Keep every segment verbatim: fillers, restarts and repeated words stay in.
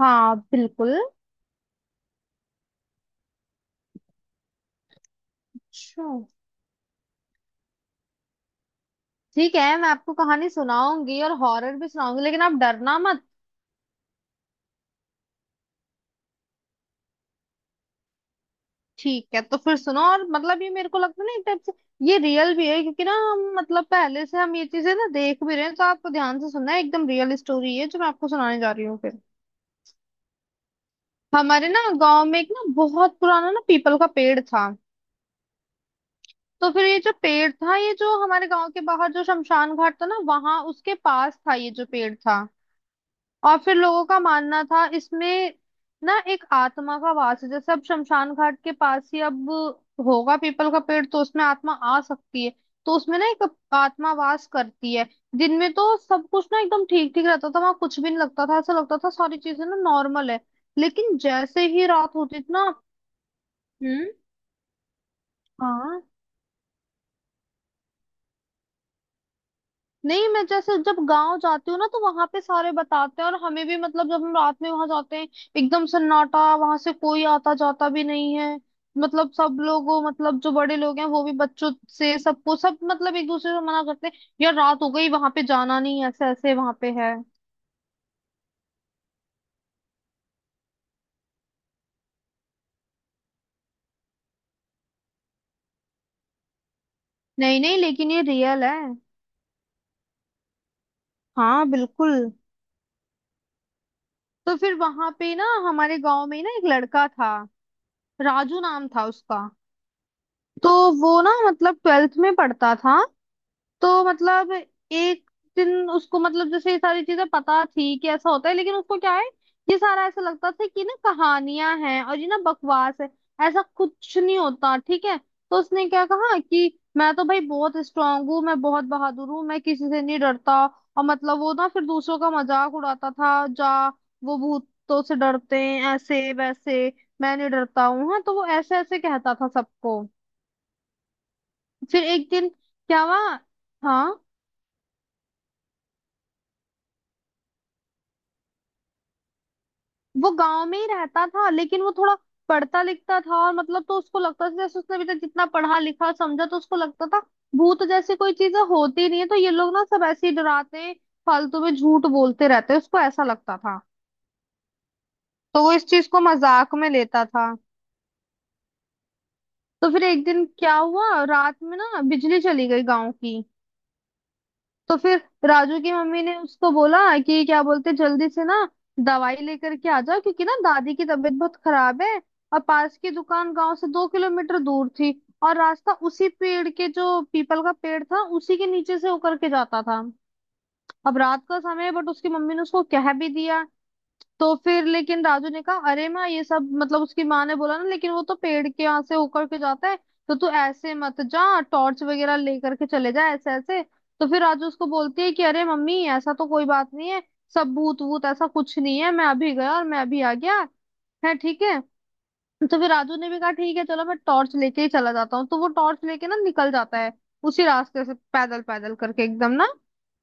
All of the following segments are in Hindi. हाँ, बिल्कुल। अच्छा। ठीक है, मैं आपको कहानी सुनाऊंगी और हॉरर भी सुनाऊंगी, लेकिन आप डरना मत। ठीक है, तो फिर सुनो। और मतलब ये मेरे को लगता है ना, एक टाइप से ये रियल भी है, क्योंकि ना हम मतलब पहले से हम ये चीजें ना देख भी रहे हैं। तो आपको ध्यान से सुनना है, एकदम रियल स्टोरी है जो मैं आपको सुनाने जा रही हूँ। फिर हमारे ना गांव में एक ना बहुत पुराना ना पीपल का पेड़ था। तो फिर ये जो पेड़ था, ये जो हमारे गांव के बाहर जो शमशान घाट था ना, वहां उसके पास था ये जो पेड़ था। और फिर लोगों का मानना था इसमें ना एक आत्मा का वास है। जैसे अब शमशान घाट के पास ही अब होगा पीपल का पेड़, तो उसमें आत्मा आ सकती है। तो उसमें ना एक आत्मा वास करती है। दिन में तो सब कुछ ना एकदम ठीक ठीक रहता था, वहां कुछ भी नहीं लगता था, ऐसा लगता था सारी चीजें ना नॉर्मल है। लेकिन जैसे ही रात होती थी ना। हम्म। हाँ। नहीं, मैं जैसे जब गांव जाती हूँ ना, तो वहां पे सारे बताते हैं। और हमें भी मतलब जब हम रात में वहां जाते हैं, एकदम सन्नाटा, वहां से कोई आता जाता भी नहीं है। मतलब सब लोग वो मतलब जो बड़े लोग हैं वो भी बच्चों से सबको सब मतलब एक दूसरे से मना करते हैं, यार रात हो गई वहां पे जाना नहीं, ऐसे ऐसे वहां पे है। नहीं नहीं, लेकिन ये रियल है। हाँ, बिल्कुल। तो फिर वहां पे ना हमारे गांव में ही ना एक लड़का था, राजू नाम था उसका। तो वो ना मतलब ट्वेल्थ में पढ़ता था। तो मतलब एक दिन उसको, मतलब जैसे ये सारी चीजें पता थी कि ऐसा होता है, लेकिन उसको क्या है, ये सारा ऐसा लगता था कि ना कहानियां हैं और ये ना बकवास है, ऐसा कुछ नहीं होता। ठीक है, तो उसने क्या कहा कि मैं तो भाई बहुत स्ट्रांग हूँ, मैं बहुत बहादुर हूँ, मैं किसी से नहीं डरता। और मतलब वो ना फिर दूसरों का मजाक उड़ाता था, जा वो भूतों से डरते हैं ऐसे वैसे, मैं नहीं डरता हूँ। हाँ, तो वो ऐसे ऐसे कहता था सबको। फिर एक दिन क्या हुआ। हाँ। वो गांव में ही रहता था, लेकिन वो थोड़ा पढ़ता लिखता था। और मतलब तो उसको लगता था जैसे उसने अभी तक जितना पढ़ा लिखा समझा, तो उसको लगता था भूत जैसी कोई चीजें होती नहीं है, तो ये लोग ना सब ऐसे ही डराते हैं, फालतू में झूठ बोलते रहते हैं, उसको ऐसा लगता था। तो वो इस चीज को मजाक में लेता था। तो फिर एक दिन क्या हुआ, रात में ना बिजली चली गई गांव की। तो फिर राजू की मम्मी ने उसको बोला कि क्या बोलते, जल्दी से ना दवाई लेकर के आ जाओ, क्योंकि ना दादी की तबीयत बहुत खराब है। और पास की दुकान गांव से दो किलोमीटर दूर थी, और रास्ता उसी पेड़ के, जो पीपल का पेड़ था, उसी के नीचे से होकर के जाता था। अब रात का समय है, बट उसकी मम्मी ने उसको कह भी दिया। तो फिर लेकिन राजू ने कहा अरे माँ, ये सब, मतलब उसकी माँ ने बोला ना लेकिन वो तो पेड़ के यहाँ से होकर के जाता है, तो तू ऐसे मत जा, टॉर्च वगैरह लेकर के चले जा, ऐसे ऐसे। तो फिर राजू उसको बोलती है कि अरे मम्मी, ऐसा तो कोई बात नहीं है, सब भूत वूत ऐसा कुछ नहीं है, मैं अभी गया और मैं अभी आ गया है, ठीक है। तो फिर राजू ने भी कहा ठीक है चलो, मैं टॉर्च लेके ही चला जाता हूँ। तो वो टॉर्च लेके ना निकल जाता है उसी रास्ते से, पैदल पैदल करके एकदम ना,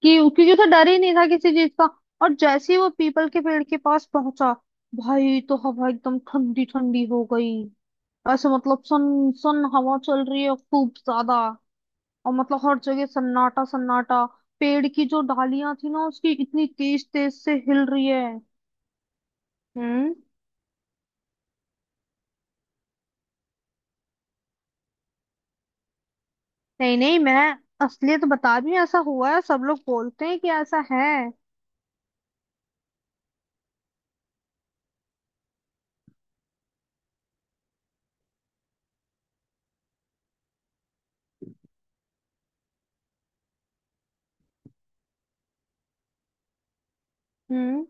कि क्योंकि उसे डर ही नहीं था किसी चीज का। और जैसे ही वो पीपल के पेड़ के पास पहुंचा, भाई तो हवा एकदम ठंडी ठंडी हो गई। ऐसे मतलब सन सन हवा चल रही है खूब ज्यादा। और मतलब हर जगह सन्नाटा सन्नाटा। पेड़ की जो डालियां थी ना, उसकी इतनी तेज तेज से हिल रही है। हम्म। नहीं नहीं, मैं असलियत बता रही हूँ, ऐसा हुआ है, सब लोग बोलते हैं कि ऐसा है। हम्म।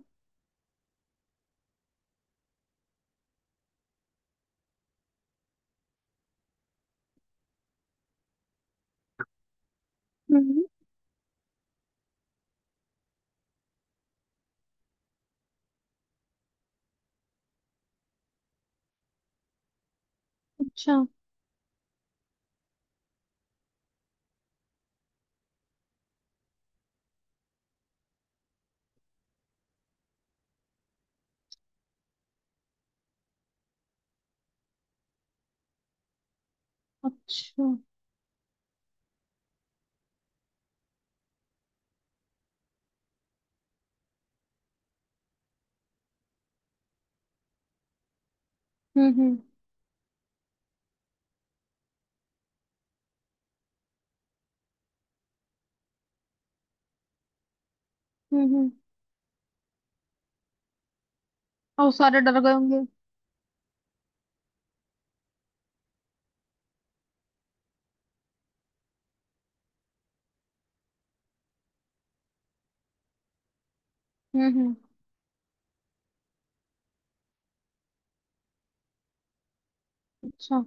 हम्म। अच्छा, अच्छा। हम्म। हम्म। हम्म। और वो सारे डर गए होंगे। हम्म। हम्म। अच्छा।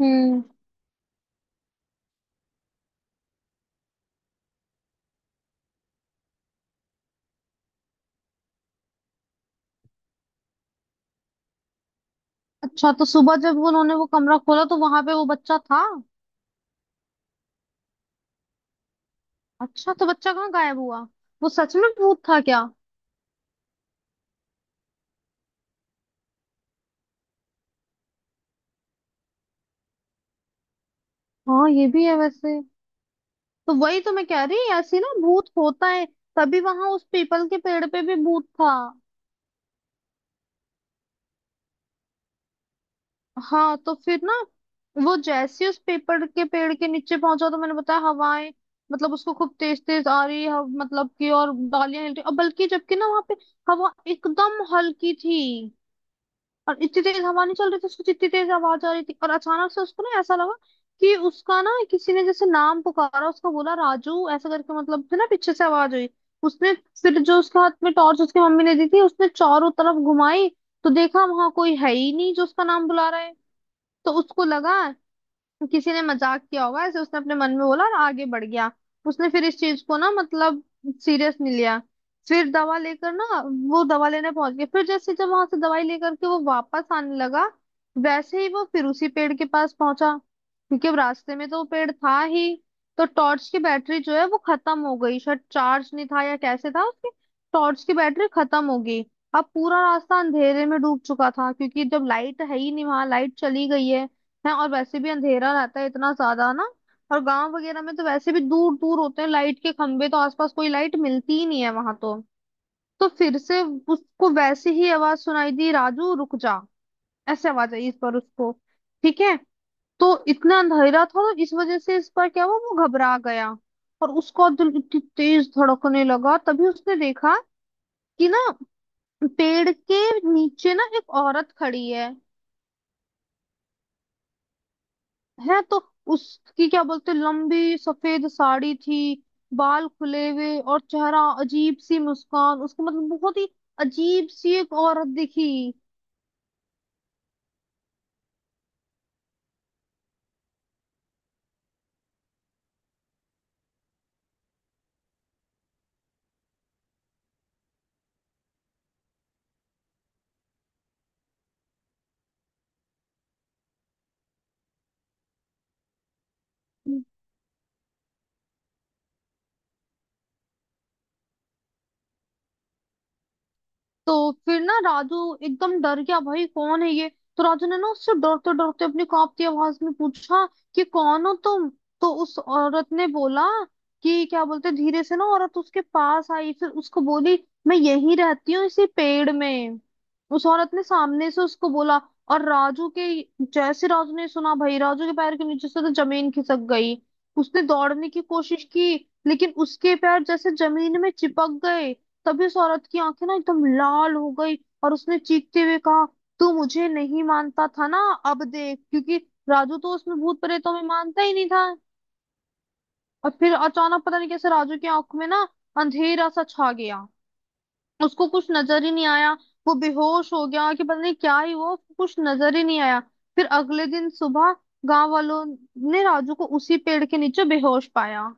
हम्म। अच्छा, तो सुबह जब उन्होंने वो कमरा खोला तो वहां पे वो बच्चा था। अच्छा, तो बच्चा कहाँ गायब हुआ। वो सच में भूत था क्या। हाँ, ये भी है वैसे। तो वही तो मैं कह रही, ऐसी ना भूत होता है, तभी वहां उस पीपल के पेड़ पे भी भूत था। हाँ, तो फिर ना वो जैसे ही उस पेपर के पेड़ के नीचे पहुंचा, तो मैंने बताया हवाएं, मतलब उसको खूब तेज तेज आ रही है, मतलब कि और डालियां हिल रही, और बल्कि जबकि ना वहां पे हवा एकदम हल्की थी, और इतनी तेज हवा नहीं चल रही थी उसको, जितनी तेज आवाज आ रही थी। और अचानक से उसको ना ऐसा लगा कि उसका ना किसी ने जैसे नाम पुकारा उसका, बोला राजू ऐसा करके, मतलब फिर ना पीछे से आवाज हुई उसने। फिर जो उसके हाथ में टॉर्च उसकी मम्मी ने दी थी, उसने चारों तरफ घुमाई, तो देखा वहां कोई है ही नहीं जो उसका नाम बुला रहा है। तो उसको लगा किसी ने मजाक किया होगा, ऐसे उसने अपने मन में बोला और आगे बढ़ गया। उसने फिर इस चीज को ना मतलब सीरियस नहीं लिया। फिर दवा लेकर ना, वो दवा लेने पहुंच गया। फिर जैसे जब वहां से दवाई लेकर के वो वापस आने लगा, वैसे ही वो फिर उसी पेड़ के पास पहुंचा, क्योंकि अब रास्ते में तो वो पेड़ था ही। तो टॉर्च की बैटरी जो है वो खत्म हो गई, शायद चार्ज नहीं था या कैसे था उसकी, टॉर्च की बैटरी खत्म हो गई। अब पूरा रास्ता अंधेरे में डूब चुका था, क्योंकि जब लाइट है ही नहीं वहां, लाइट चली गई है है और वैसे भी अंधेरा रहता है इतना ज्यादा ना। और गांव वगैरह में तो वैसे भी दूर दूर होते हैं लाइट के खंभे, तो आसपास कोई लाइट मिलती ही नहीं है वहां तो। तो फिर से उसको वैसे ही आवाज सुनाई दी, राजू रुक जा, ऐसे आवाज आई इस पर उसको, ठीक है, तो इतना अंधेरा था, तो इस वजह से इस पर क्या हुआ वो घबरा गया। और उसका दिल इतनी तेज धड़कने लगा, तभी उसने देखा कि ना पेड़ के नीचे ना एक औरत खड़ी है। है, तो उसकी क्या बोलते लंबी सफेद साड़ी थी, बाल खुले हुए और चेहरा अजीब सी मुस्कान, उसको मतलब बहुत ही अजीब सी एक औरत दिखी। तो फिर ना राजू एकदम डर गया, भाई कौन है ये। तो राजू ने ना उससे डरते डरते अपनी कांपती आवाज में पूछा कि कौन हो तुम। तो उस औरत ने बोला कि क्या बोलते, धीरे से ना औरत उसके पास आई, फिर उसको बोली मैं यहीं रहती हूँ इसी पेड़ में, उस औरत ने सामने से उसको बोला। और राजू के, जैसे राजू ने सुना भाई, राजू के पैर के नीचे से तो जमीन खिसक गई। उसने दौड़ने की कोशिश की, लेकिन उसके पैर जैसे जमीन में चिपक गए। तभी उस औरत की आंखें ना एकदम लाल हो गई, और उसने चीखते हुए कहा, तू मुझे नहीं मानता था ना, अब देख। क्योंकि राजू तो उसमें भूत प्रेतों में मानता ही नहीं था। और फिर अचानक पता नहीं कैसे राजू की आंख में ना अंधेरा सा छा गया, उसको कुछ नजर ही नहीं आया। वो बेहोश हो गया, कि पता नहीं क्या ही हुआ, उसको कुछ नजर ही नहीं आया। फिर अगले दिन सुबह गांव वालों ने राजू को उसी पेड़ के नीचे बेहोश पाया।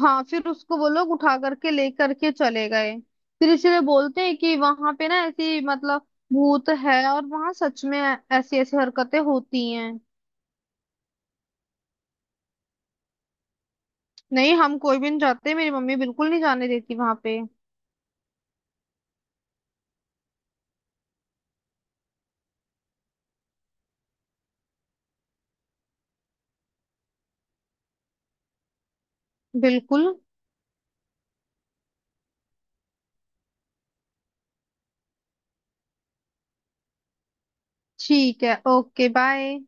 हाँ, फिर उसको वो लोग उठा करके लेकर के चले गए। फिर इसलिए बोलते हैं कि वहां पे ना ऐसी मतलब भूत है, और वहां सच में ऐसी ऐसी हरकतें होती हैं। नहीं, हम कोई भी नहीं जाते, मेरी मम्मी बिल्कुल नहीं जाने देती वहां पे। बिल्कुल। ठीक है, ओके बाय।